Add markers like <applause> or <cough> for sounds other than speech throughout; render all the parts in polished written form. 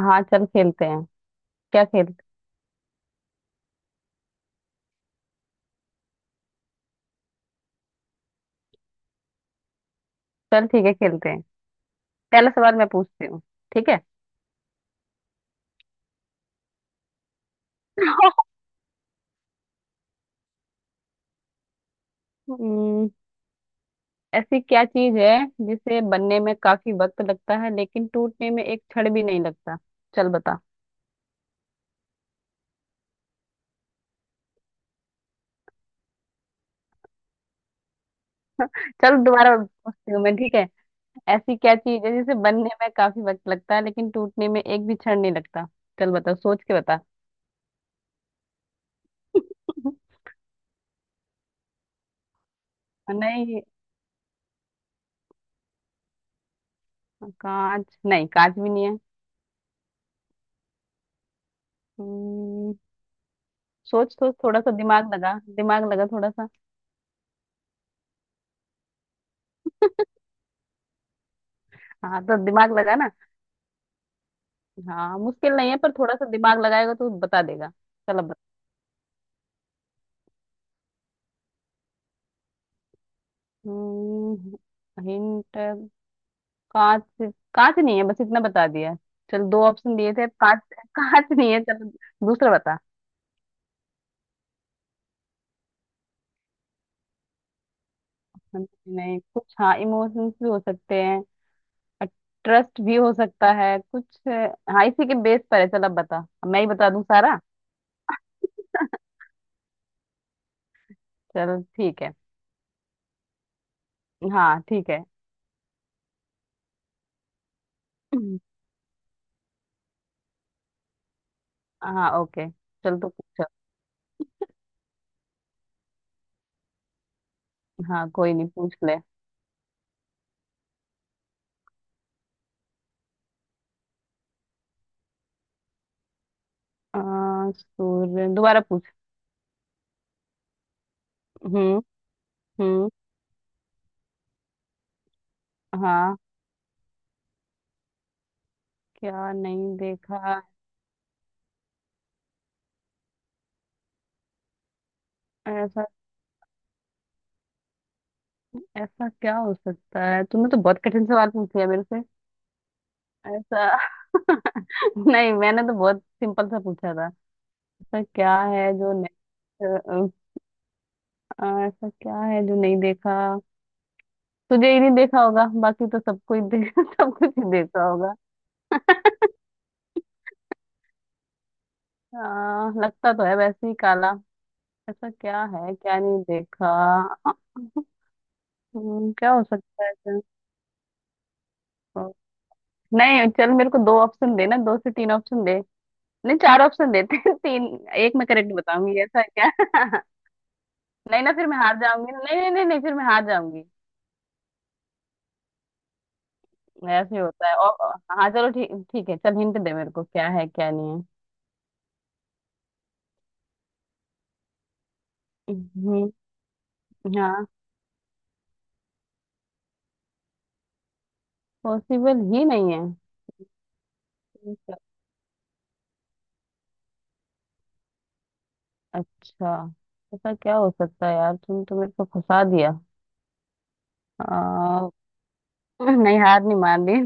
हाँ चल खेलते हैं। क्या खेल। चल ठीक है खेलते हैं। पहला सवाल मैं पूछती हूँ। ठीक है। <laughs> हम्म, ऐसी क्या चीज है जिसे बनने में काफी वक्त लगता है लेकिन टूटने में एक क्षण भी नहीं लगता। चल बता। चल दोबारा पूछती हूँ मैं, ठीक है। ऐसी क्या चीज है जिसे बनने में काफी वक्त लगता है लेकिन टूटने में एक भी क्षण नहीं लगता। चल बता, सोच के बता। <laughs> नहीं। कांच नहीं, कांच भी नहीं है। हम्म, सोच सोच, थोड़ा सा दिमाग लगा, दिमाग लगा थोड़ा सा। हाँ तो दिमाग लगा ना। हाँ मुश्किल नहीं है, पर थोड़ा सा दिमाग लगाएगा तो बता देगा। चलो बता। हम्म, हिंट। कांच। कांच नहीं है, बस इतना बता दिया। चल, दो ऑप्शन दिए थे, कांच। कांच नहीं है। चल दूसरा बता। नहीं कुछ, हाँ इमोशंस भी हो सकते हैं। ट्रस्ट भी हो सकता है कुछ, हाँ इसी के बेस पर है। चल अब बता, मैं ही बता दूं सारा। चल ठीक है। हाँ ठीक है। हाँ ओके। चल तो पूछ। हाँ कोई नहीं, पूछ ले। सूर्य, दोबारा पूछ। हम्म। हम्म। हाँ। क्या नहीं देखा। ऐसा। ऐसा क्या हो सकता है? तुमने तो बहुत कठिन सवाल पूछ लिया मेरे से। ऐसा। <laughs> नहीं, मैंने तो बहुत सिंपल सा पूछा था। ऐसा क्या है जो नहीं। अ, ऐसा क्या है जो नहीं देखा। तुझे ही नहीं देखा होगा, बाकी तो सबको ही दे, <laughs> सब कुछ ही देखा होगा। <laughs> लगता तो है वैसे ही काला। ऐसा क्या है, क्या नहीं देखा? <laughs> क्या हो सकता है ऐसा? नहीं चल, मेरे को दो ऑप्शन देना, दो से तीन ऑप्शन दे। नहीं, चार ऑप्शन देते हैं <laughs> तीन। एक मैं करेक्ट बताऊंगी, ऐसा है क्या। <laughs> नहीं ना, फिर मैं हार जाऊंगी, नहीं नहीं नहीं नहीं फिर मैं हार जाऊंगी। ऐसे ही होता है और। हाँ चलो, ठीक ठीक है, चल हिंट दे मेरे को, क्या है क्या नहीं है। हम्म, हाँ पॉसिबल ही नहीं है। ठीक है। अच्छा। ऐसा क्या हो सकता है यार, तुम तो मेरे को फंसा दिया। आ, नहीं, हार नहीं मान रही <laughs>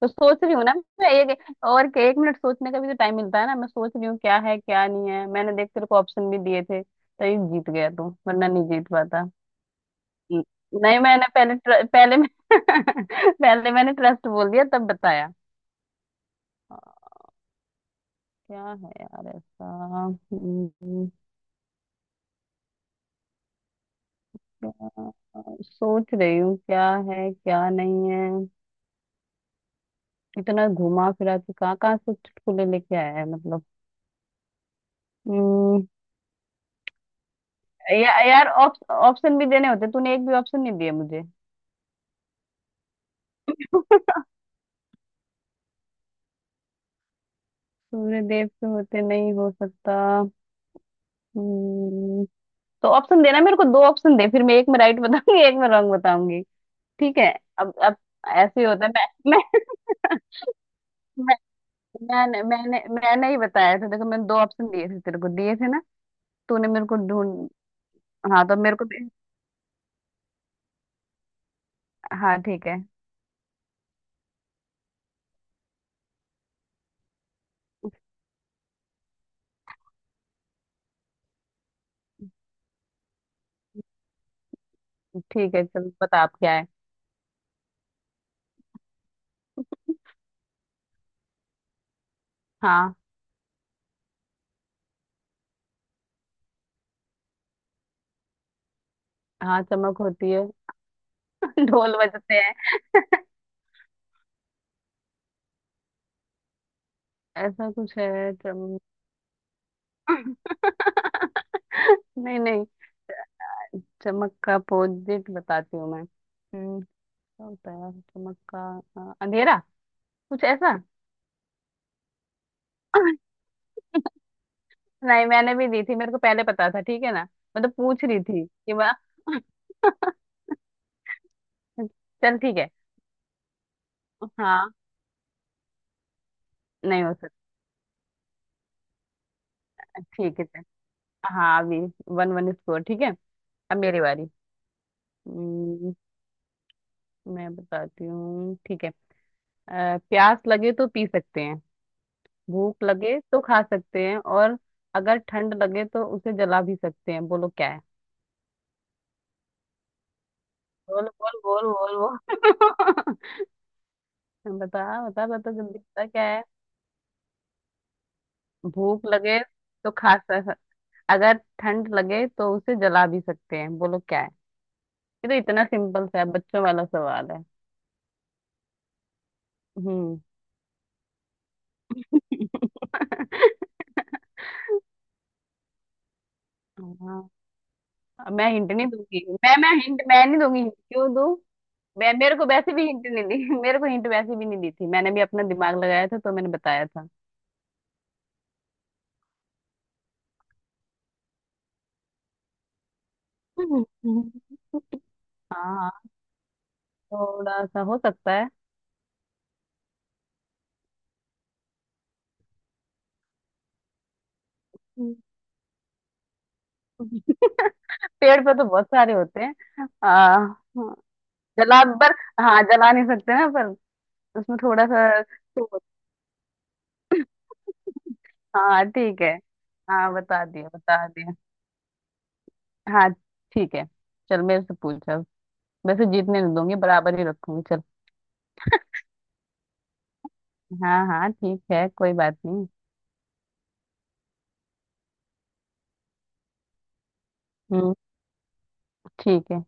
तो सोच रही हूँ ना। मैं एक, और के एक मिनट सोचने का भी तो टाइम मिलता है ना, मैं सोच रही हूँ क्या है क्या नहीं है, मैंने देख तेरे को ऑप्शन भी दिए थे, तभी जीत गया तू वरना नहीं जीत पाता। न- नहीं, मैंने पहले पहले मैं <laughs> पहले मैंने ट्रस्ट बोल दिया, तब बताया। आ, क्या है यार ऐसा। हम्म, क्या- सोच रही हूँ क्या है क्या नहीं है। इतना घुमा फिरा के कहाँ कहाँ से चुटकुले लेके आया है, मतलब। हम्म, यार, ऑप्शन भी देने होते, तूने एक भी ऑप्शन नहीं दिया मुझे। सूर्य देव के होते नहीं हो सकता। हम्म, तो ऑप्शन देना मेरे को, दो ऑप्शन दे, फिर मैं एक में राइट बताऊंगी, एक में रॉन्ग बताऊंगी। ठीक है। अब। ऐसे ही होता है। मैं <laughs> मैं मैंने मैंने मैंने ही बताया था, देखो मैंने दो ऑप्शन दिए थे, तेरे को दिए थे ना। तूने मेरे को ढूंढ। हाँ तो मेरे को भी-। हाँ ठीक है, ठीक है। चल बता आप, क्या है। हाँ। हाँ चमक होती है। <laughs> ढोल बजते हैं। ऐसा कुछ है। नहीं नहीं। चमक का अपोजिट बताती हूँ मैं। हम्म। क्या होता है चमक का। अंधेरा। कुछ ऐसा। नहीं मैंने भी दी थी, मेरे को पहले पता था, ठीक है ना। मैं तो पूछ रही थी कि मैं। चल ठीक है। हाँ। नहीं हो सकता। ठीक है चल। हाँ अभी। 1-1 स्कोर, ठीक है। अब मेरी बारी। हम्म, मैं बताती हूँ, ठीक है। प्यास लगे तो पी सकते हैं, भूख लगे तो खा सकते हैं, और अगर ठंड लगे तो उसे जला भी सकते हैं, बोलो क्या है। बोल बोल बोल बोल बोल <laughs> बता बता बता जल्दी बता, क्या है। भूख लगे तो खा सक, अगर ठंड लगे तो उसे जला भी सकते हैं, बोलो क्या है। ये तो इतना सिंपल सा है, बच्चों वाला सवाल है। हम्म। <laughs> हाँ। अब मैं हिंट नहीं दूंगी, मैं हिंट, मैं नहीं दूंगी hint। क्यों दूं। मैं मेरे को वैसे भी हिंट नहीं दी <laughs> मेरे को हिंट वैसे भी नहीं दी थी, मैंने भी अपना दिमाग लगाया था तो मैंने बताया था। <laughs> हम्म, हम्म, हाँ। थोड़ा सा हो सकता है। हम्म। <laughs> पेड़ पे तो बहुत सारे होते हैं। जला पर, हाँ जला नहीं सकते ना पर। उसमें थोड़ा सा तो-। हाँ ठीक है। हाँ बता दिया, बता दिया। हाँ ठीक है। चल मेरे से पूछ अब। वैसे जीतने नहीं दूंगी, बराबर ही रखूंगी चल। हाँ हाँ ठीक है, कोई बात नहीं। हम्म। ठीक है।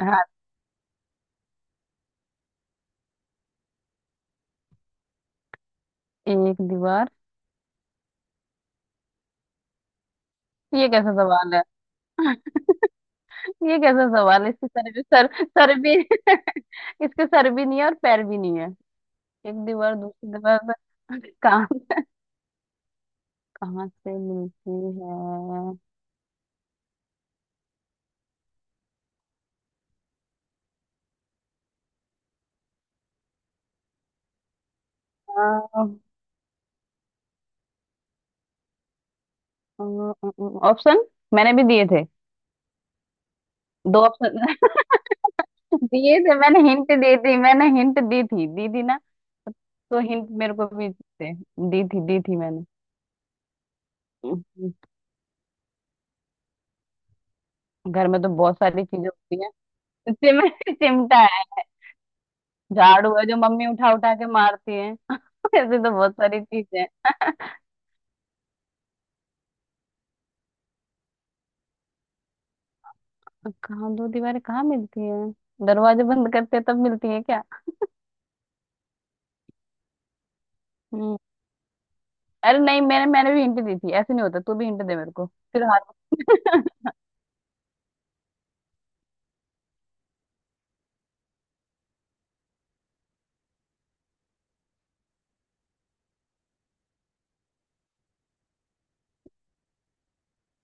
हाँ। एक दीवार। ये कैसा सवाल है। <laughs> ये कैसा सवाल है, इसके सर भी सर सर भी <laughs> इसके सर भी नहीं है और पैर भी नहीं है। एक दीवार दूसरी दीवार पर <laughs> कहाँ, कहाँ से मिलती है। ऑप्शन मैंने भी दिए थे। दो ऑप्शन <laughs> दिए थे मैंने, हिंट दी थी, मैंने हिंट दी थी, दी थी ना। तो हिंट मेरे को भी थे। दी थी, दी थी मैंने। हम्म, घर में तो बहुत सारी चीजें होती हैं। चिम- <laughs> चिमटा है, झाड़ू है जो मम्मी उठा उठा के मारती है। <laughs> ऐसे तो बहुत सारी चीजें। कहाँ, दो दीवारें कहाँ मिलती है। दरवाजे बंद करते हैं तब मिलती है क्या। हम्म। अरे नहीं, मैंने मैंने भी हिंट दी थी, ऐसे नहीं होता, तू भी हिंट दे मेरे को। फिर हार। <laughs>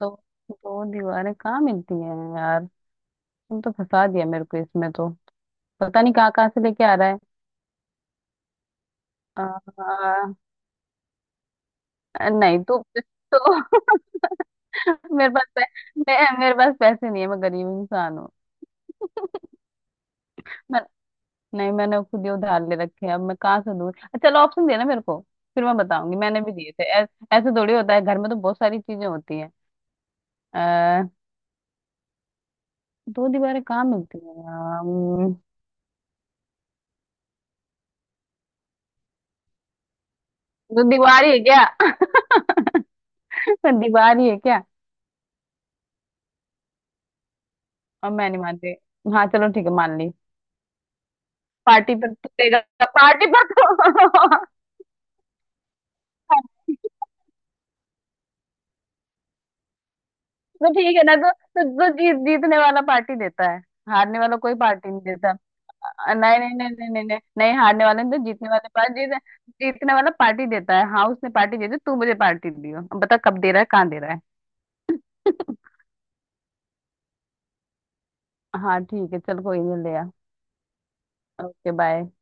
तो दो दीवारें कहाँ मिलती हैं यार, तुम तो फंसा दिया मेरे को, इसमें तो पता नहीं कहाँ कहाँ से लेके आ रहा है। आ, आ, नहीं तू तो <laughs> मेरे पास पै- मैं, मेरे पास पैसे नहीं है, मैं गरीब इंसान हूँ। नहीं, मैंने खुद ही उधार ले रखे हैं, अब मैं कहाँ से दूँ। चलो ऑप्शन देना मेरे को, फिर मैं बताऊंगी, मैंने भी दिए थे। ऐसे थोड़ी होता है, घर में तो बहुत सारी चीजें होती हैं। अः। दो दीवारें कहाँ मिलती हैं यार? दो दीवार ही है क्या। <laughs> दीवार ही है क्या। और मैं नहीं मानती। हाँ चलो ठीक है, मान ली। पार्टी पर तो देगा। पार्टी पर तो। <laughs> तो ठीक है ना, तो जीतने वाला पार्टी देता है। हारने वाला कोई पार्टी नहीं देता। नहीं नहीं नहीं नहीं नहीं नहीं नहीं, हारने वाले ने तो जीतने वाले पास जीत, जीतने वाला पार्टी देता है। हाँ उसने पार्टी दे दी, तू मुझे पार्टी दियो, अब बता कब दे रहा है, कहाँ दे रहा है। <laughs> हाँ ठीक है चल, कोई नहीं, ले आ। Okay bye.